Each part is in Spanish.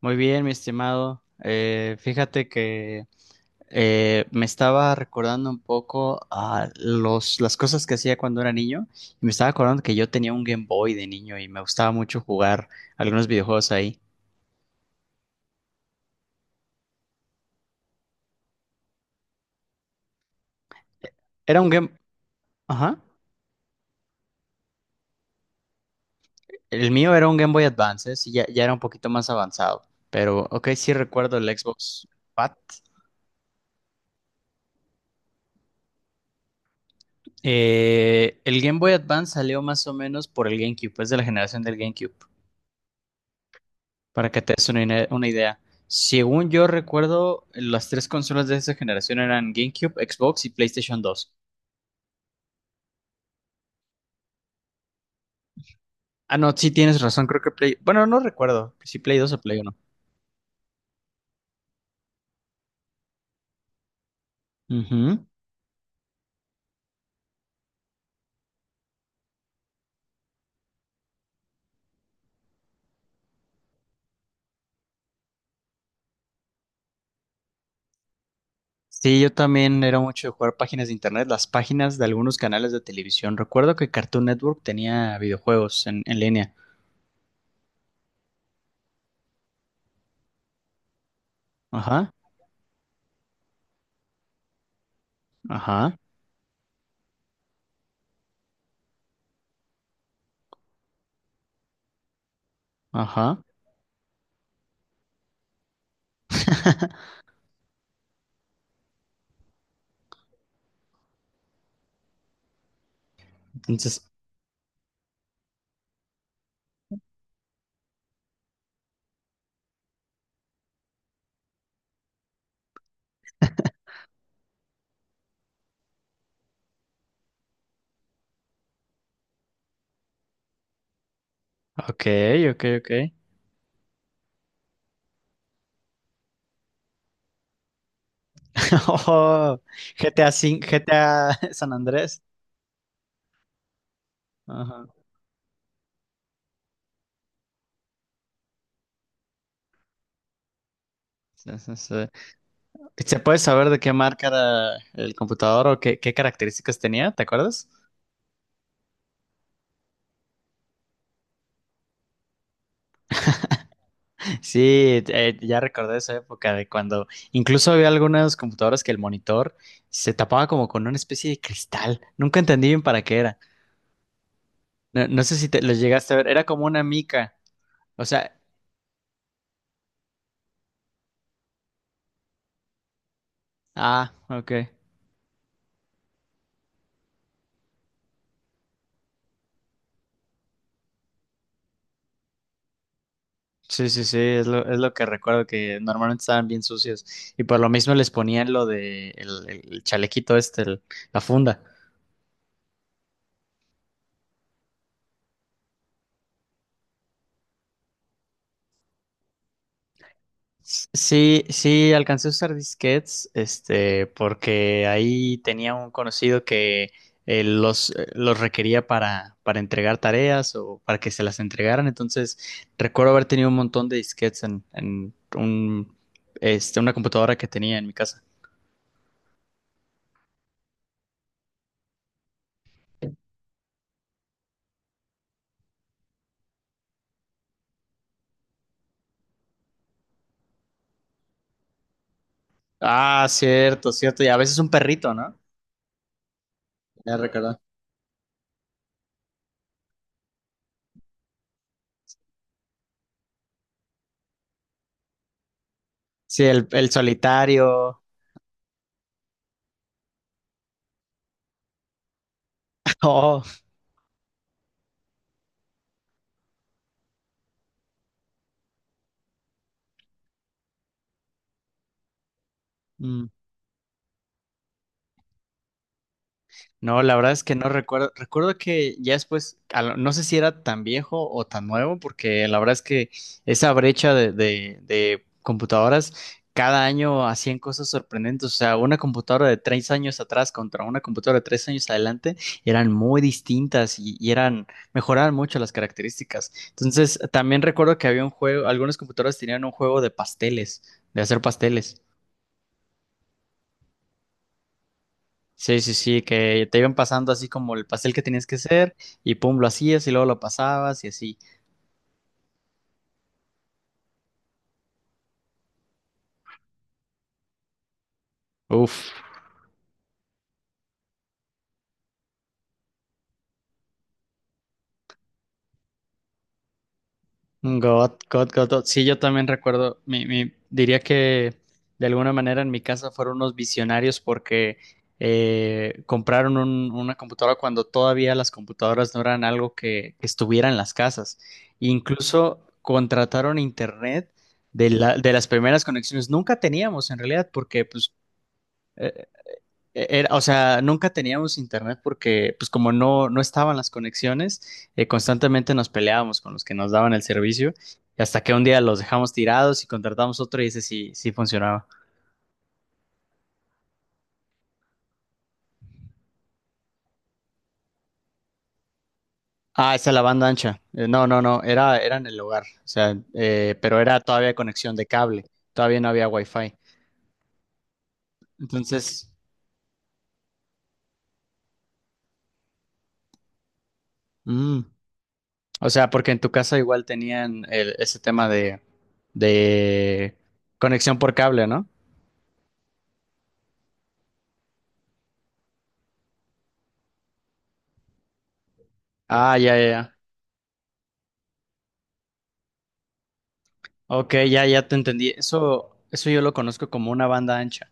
Muy bien, mi estimado. Fíjate que me estaba recordando un poco a las cosas que hacía cuando era niño y me estaba acordando que yo tenía un Game Boy de niño y me gustaba mucho jugar algunos videojuegos ahí. Era un Game. Ajá. El mío era un Game Boy Advance, ¿eh? Sí, ya era un poquito más avanzado, pero ok, sí recuerdo el Xbox Fat. El Game Boy Advance salió más o menos por el GameCube, es de la generación del GameCube. Para que te des una idea. Según yo recuerdo, las tres consolas de esa generación eran GameCube, Xbox y PlayStation dos. Ah, no, sí tienes razón, creo que Play. Bueno, no recuerdo si Play dos o Play uno. Ujú. Sí, yo también era mucho de jugar páginas de internet, las páginas de algunos canales de televisión. Recuerdo que Cartoon Network tenía videojuegos en línea. Ajá, ajá, ajá. Entonces, ok, ok, ok. Oh, GTA 5, GTA San Andrés. Ajá. Sí, sí, sí. ¿Se puede saber de qué marca era el computador o qué características tenía? ¿Te acuerdas? Sí, ya recordé esa época de cuando incluso había algunas computadoras que el monitor se tapaba como con una especie de cristal. Nunca entendí bien para qué era. No, no sé si te los llegaste a ver, era como una mica. O sea, ah, ok. Sí, sí, sí, es lo que recuerdo que normalmente estaban bien sucios. Y por lo mismo les ponían lo de el chalequito este, la funda. Sí, sí, alcancé a usar disquetes, porque ahí tenía un conocido que los requería para entregar tareas o para que se las entregaran. Entonces, recuerdo haber tenido un montón de disquetes en una computadora que tenía en mi casa. Ah, cierto, cierto. Y a veces un perrito, ¿no? Ya recordé. Sí, el solitario. Oh. Mm. No, la verdad es que no recuerdo. Recuerdo que ya después, no sé si era tan viejo o tan nuevo, porque la verdad es que esa brecha de computadoras, cada año hacían cosas sorprendentes. O sea, una computadora de tres años atrás contra una computadora de tres años adelante eran muy distintas y mejoraban mucho las características. Entonces, también recuerdo que había un juego, algunas computadoras tenían un juego de pasteles, de hacer pasteles. Sí, sí, sí, que te iban pasando así como el pastel que tenías que hacer y pum, lo hacías y luego lo pasabas y así. Uf, God, God, God, God. Sí, yo también recuerdo, diría que de alguna manera en mi casa fueron unos visionarios porque compraron una computadora cuando todavía las computadoras no eran algo que estuviera en las casas. Incluso contrataron internet de las primeras conexiones. Nunca teníamos en realidad porque pues, eh, Era, o sea, nunca teníamos internet porque, pues como no estaban las conexiones, constantemente nos peleábamos con los que nos daban el servicio, y hasta que un día los dejamos tirados y contratamos otro y ese sí funcionaba. Ah, esa es la banda ancha. No, no, no, era en el hogar, o sea, pero era todavía conexión de cable, todavía no había wifi. Entonces, mm, o sea, porque en tu casa igual tenían ese tema de conexión por cable, ¿no? Ah, ya, ya, ya. Ok, ya te entendí. Eso yo lo conozco como una banda ancha.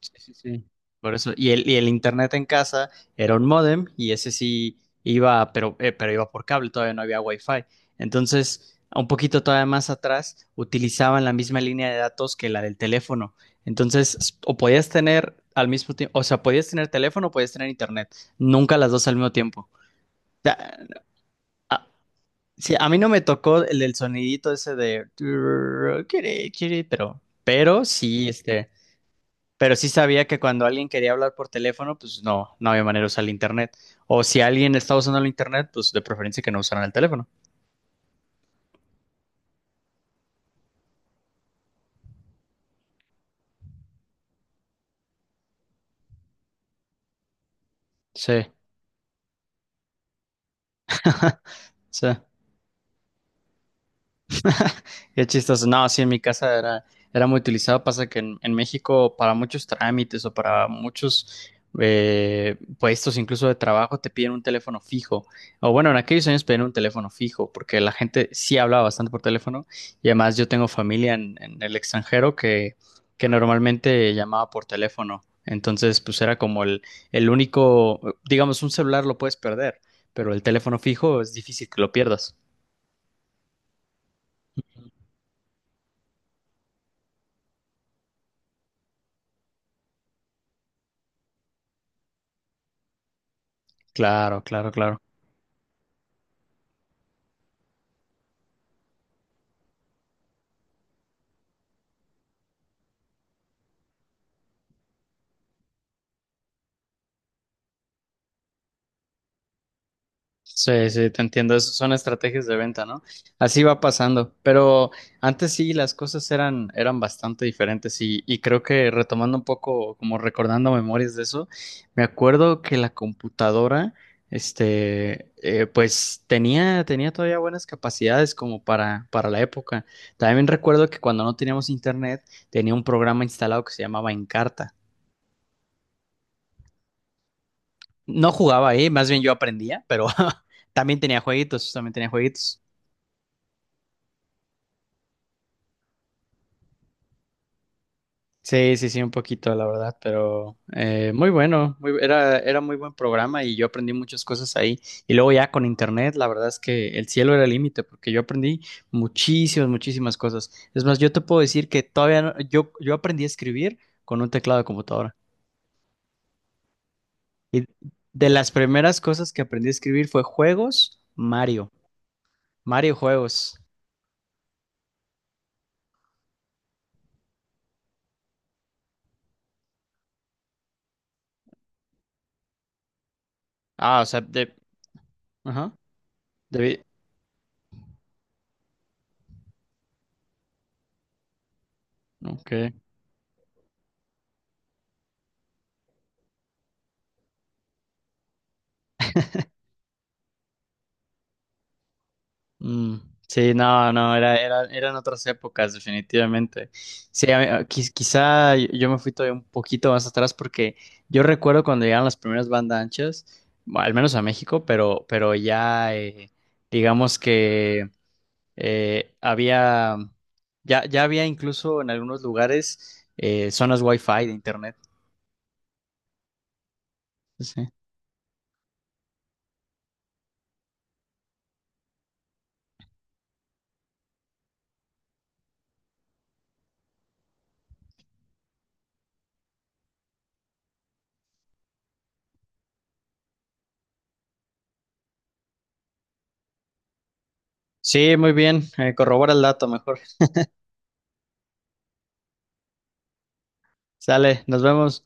Sí, sí, sí. Por eso, y el internet en casa era un módem y ese sí iba, pero iba por cable, todavía no había wifi. Entonces, un poquito todavía más atrás, utilizaban la misma línea de datos que la del teléfono. Entonces, o podías tener al mismo tiempo, o sea, podías tener teléfono o podías tener internet, nunca las dos al mismo tiempo. Ya, a- Sí, a mí no me tocó el del sonidito ese de turr, kiri, kiri, pero sí sabía que cuando alguien quería hablar por teléfono, pues no había manera de usar el internet. O si alguien estaba usando el internet, pues de preferencia que no usaran el teléfono. Sí, sí. Qué chistoso. No, sí, en mi casa era muy utilizado. Pasa que en México para muchos trámites o para muchos puestos, incluso de trabajo, te piden un teléfono fijo. O bueno, en aquellos años pedían un teléfono fijo porque la gente sí hablaba bastante por teléfono y además yo tengo familia en el extranjero que normalmente llamaba por teléfono. Entonces, pues era como el único, digamos, un celular lo puedes perder, pero el teléfono fijo es difícil que lo pierdas. Claro, claro, claro. Sí, sí, te entiendo. Eso son estrategias de venta, ¿no? Así va pasando. Pero antes sí, las cosas eran bastante diferentes y creo que retomando un poco, como recordando memorias de eso, me acuerdo que la computadora, pues tenía todavía buenas capacidades como para la época. También recuerdo que cuando no teníamos internet, tenía un programa instalado que se llamaba Encarta. No jugaba ahí, más bien yo aprendía, pero también tenía jueguitos, también tenía jueguitos. Sí, sí, sí, un poquito, la verdad, pero muy bueno, era muy buen programa y yo aprendí muchas cosas ahí. Y luego ya con internet, la verdad es que el cielo era el límite, porque yo aprendí muchísimas, muchísimas cosas. Es más, yo te puedo decir que todavía no- yo aprendí a escribir con un teclado de computadora. Y de las primeras cosas que aprendí a escribir fue juegos, Mario, Mario juegos. Ah, o sea, Ajá, de... Ok. Mm, sí, no, no, eran otras épocas, definitivamente. Sí, a mí- a- quiz- quizá yo me fui todavía un poquito más atrás porque yo recuerdo cuando llegaron las primeras bandas anchas, bueno, al menos a México, pero ya digamos que eh, había, ya había incluso en algunos lugares zonas fi de internet. Sí, sí, muy bien, corrobora el dato mejor. Sale, nos vemos.